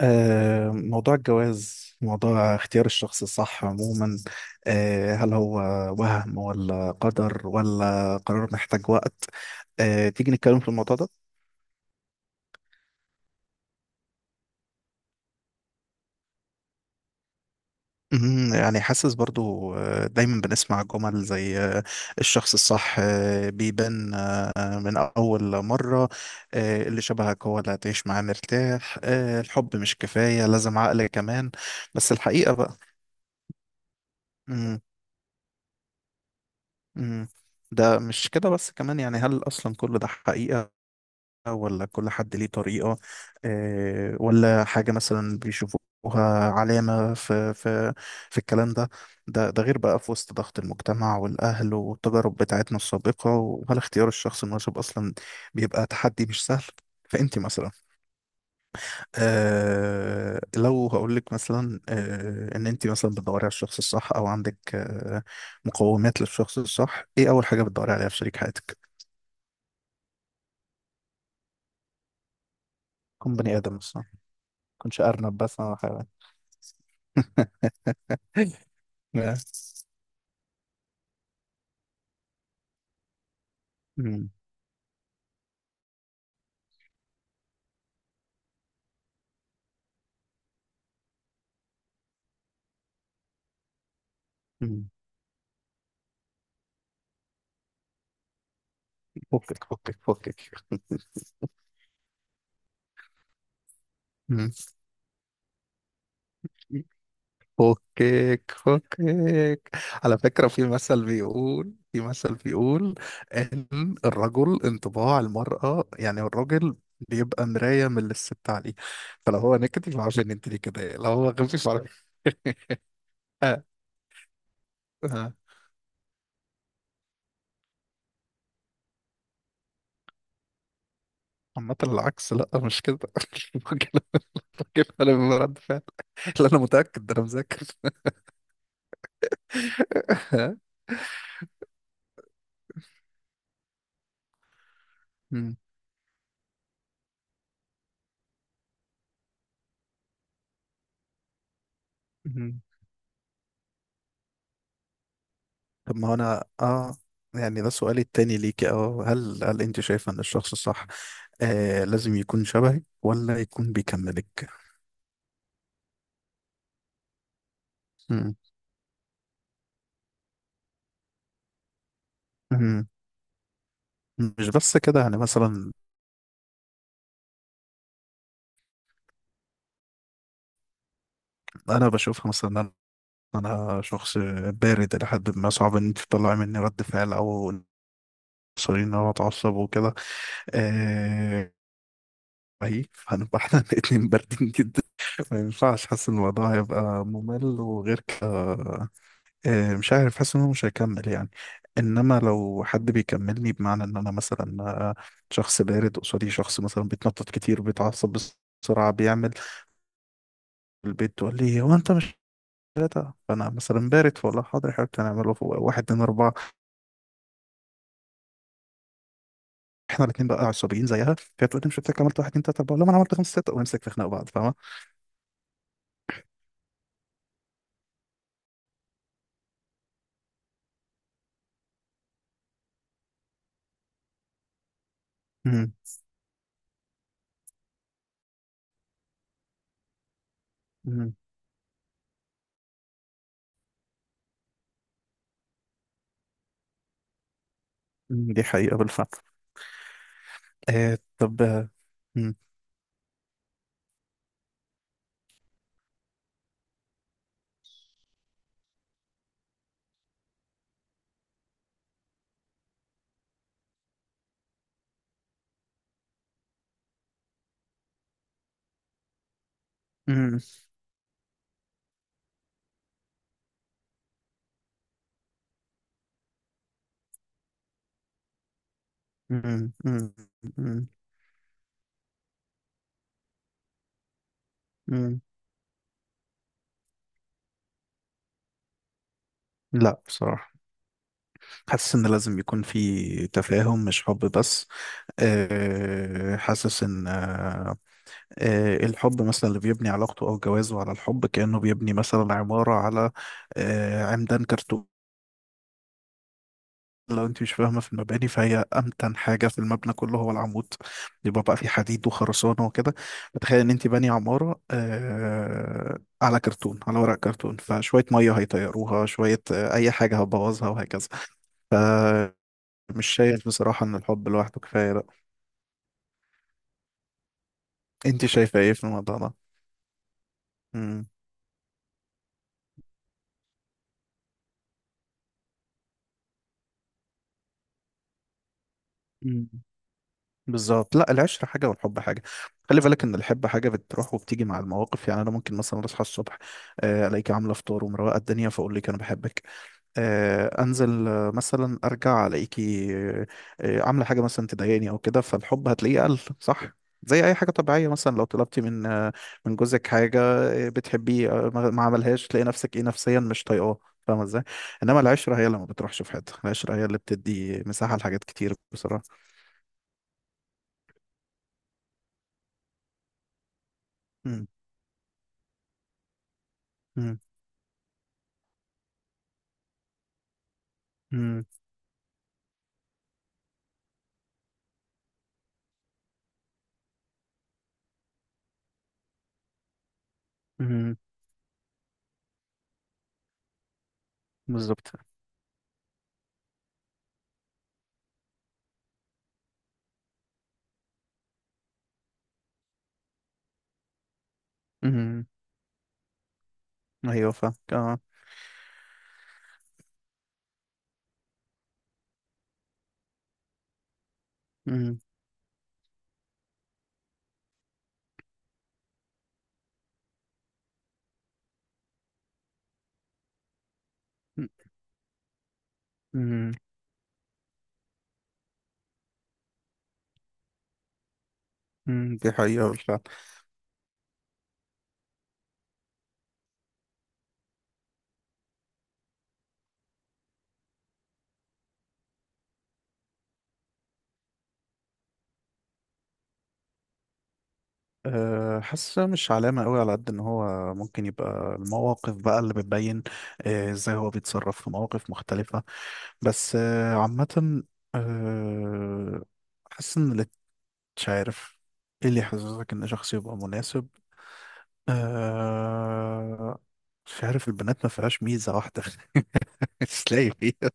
موضوع الجواز موضوع اختيار الشخص الصح عموما. هل هو وهم ولا قدر ولا قرار محتاج وقت. تيجي نتكلم في الموضوع ده؟ مهم. يعني حاسس برضو دايما بنسمع جمل زي الشخص الصح بيبان من أول مرة، اللي شبهك هو اللي هتعيش معاه مرتاح، الحب مش كفاية لازم عقل كمان. بس الحقيقة بقى. مم. ده مش كده بس، كمان يعني هل أصلا كل ده حقيقة ولا كل حد ليه طريقة ولا حاجة مثلا بيشوفوها علامة في الكلام ده، ده غير بقى في وسط ضغط المجتمع والأهل والتجارب بتاعتنا السابقة. وهل اختيار الشخص المناسب أصلا بيبقى تحدي مش سهل؟ فأنت مثلا، لو هقول لك مثلا ان انت مثلا بتدوري على الشخص الصح او عندك مقومات للشخص الصح، ايه اول حاجه بتدوري عليها في شريك حياتك؟ كون بني ادم مثلا، كنتش ارنب بس انا حيوان. بس. مم. مم. فكك فكك فكك. مم. فكك فكك. على فكرة، في مثل بيقول إن الرجل انطباع المرأة، يعني الراجل بيبقى مراية من اللي الست عليه. فلو هو نكتي فعارف إن أنت دي كده، لو هو غبي فعارف. آه، آه. عامة العكس، لا مش كده. الراجل الراجل أنا من رد فعل. لا أنا متأكد، ده أنا مذاكر. آه. مم. مم. طب ما هو أنا يعني ده سؤالي التاني ليكي، هل أنت شايفة إن الشخص صح لازم يكون شبهك ولا يكون بيكملك؟ مم. مم. مش بس كده، يعني مثلا، انا بشوفها مثلا، انا أنا شخص بارد الى حد ما، صعب ان انت تطلعي مني رد فعل او صريح، ان انا اتعصب وكده. آه، هي فهنبقى احنا الاتنين باردين جدا، ما ينفعش. حاسس ان الموضوع هيبقى ممل وغير كده، مش عارف، حاسس ان هو مش هيكمل يعني. انما لو حد بيكملني، بمعنى ان انا مثلا شخص بارد، قصادي شخص مثلا بيتنطط كتير، بيتعصب بسرعة، بيعمل البيت تقول لي هو انت مش ثلاثة، فانا مثلا بارد، فولا حاضر حضرتك هنعمله في واحد اتنين اربعة. احنا الاتنين بقى عصبيين زيها، فهي تقول لي مش قلت لك عملت واحد اتنين تلاتة، بقول لها ما انا عملت خمسة ستة، ونمسك نخنق بعض. فاهمة؟ مم. مم. مم. دي حقيقة بالفعل. طب مم. مم. مم. مم. مم. مم. لا بصراحة، حاسس ان لازم يكون في تفاهم مش حب بس. حاسس ان الحب مثلا اللي بيبني علاقته او جوازه على الحب كأنه بيبني مثلا عمارة على عمدان كرتون. لو انت مش فاهمة في المباني، فهي أمتن حاجة في المبنى كله هو العمود، يبقى بقى في حديد وخرسانة وكده. فتخيل ان انت باني عمارة على كرتون، على ورق كرتون، فشوية مية هيطيروها، شوية أي حاجة هتبوظها، وهكذا. مش شايف بصراحة ان الحب لوحده كفاية بقى. انت شايفة ايه في الموضوع ده؟ امم مم. بالظبط، لا العشرة حاجة والحب حاجة. خلي بالك ان الحب حاجة بتروح وبتيجي مع المواقف، يعني انا ممكن مثلا اصحى الصبح، الاقيك عاملة فطار ومروقة الدنيا، فاقول لك انا بحبك. انزل، مثلا ارجع الاقيكي عامله حاجه مثلا تضايقني او كده، فالحب هتلاقيه قل، صح؟ زي اي حاجه طبيعيه، مثلا لو طلبتي من من جوزك حاجه بتحبيه ما عملهاش، تلاقي نفسك ايه، نفسيا مش طايقاه. فاهمه ازاي؟ انما العشره هي اللي ما بتروحش في حته، العشره هي اللي بتدي مساحه لحاجات كتير بصراحه. مم. مم. مم. مم. بالظبط. مم. ايوه فاهم، اه. مم. مم. مم. دي حقيقه. حاسة مش علامة قوي على قد ان هو ممكن يبقى، المواقف بقى اللي بتبين، ازاي هو بيتصرف في مواقف مختلفة. بس عامة أه، حاسس ان اللي، مش عارف ايه اللي يحسسك ان شخص يبقى مناسب. أه، مش عارف، البنات ما فيهاش ميزة واحدة. مش لاقي فيها.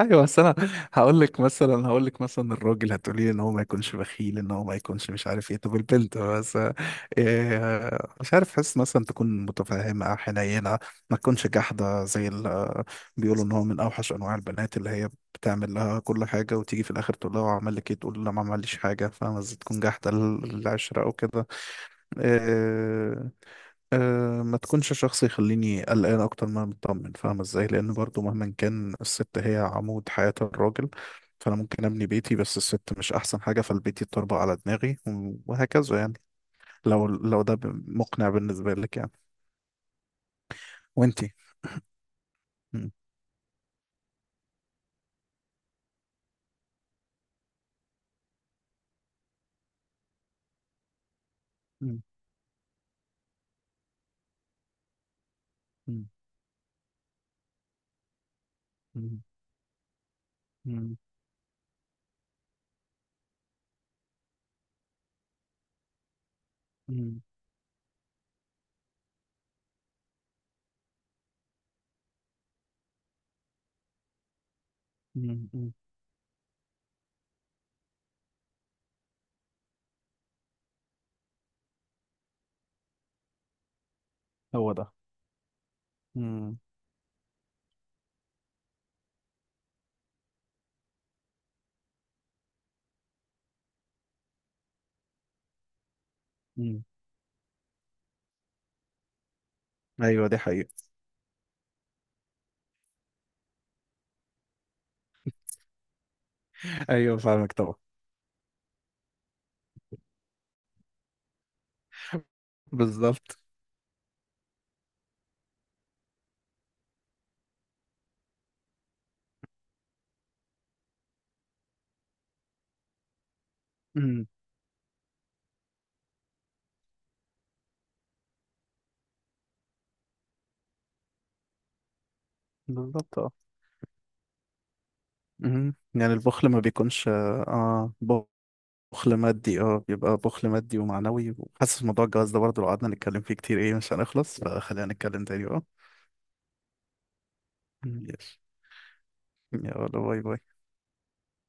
ايوه بس انا، هقول لك مثلا الراجل هتقولي لي ان هو ما يكونش بخيل، ان هو ما يكونش مش عارف ايه، طب البنت بس إيه؟ مش عارف، حس مثلا تكون متفهمه حنينه، ما تكونش جحده زي ال-. بيقولوا ان هو من اوحش انواع البنات اللي هي بتعمل لها كل حاجه، وتيجي في الاخر تقول لها هو عمل لك ايه، تقول لا ما عملش حاجه. فاهمه ازاي؟ تكون جحده للعشره او كده. آه، ما تكونش شخص يخليني قلقان اكتر ما أنا مطمن. فاهمة ازاي؟ لان برضو مهما كان، الست هي عمود حياة الراجل، فانا ممكن ابني بيتي بس الست مش احسن حاجة، فالبيت يتطربق على دماغي و- وهكذا يعني. لو ده ب- مقنع بالنسبة لك يعني؟ وانتي؟ مم. مم. مم. مم. مم. مم. مم. مم. هو ده. مم. مم. ايوه دي حقيقة. ايوه فاهمك طبعا. بالظبط. مم. بالظبط. مهم. يعني البخل ما بيكونش اه بخل مادي، اه بيبقى بخل مادي ومعنوي. وحاسس موضوع الجواز ده برضه لو قعدنا نتكلم فيه كتير ايه مش هنخلص، فخلينا نتكلم تاني بقى. مم. يس. يلا باي باي.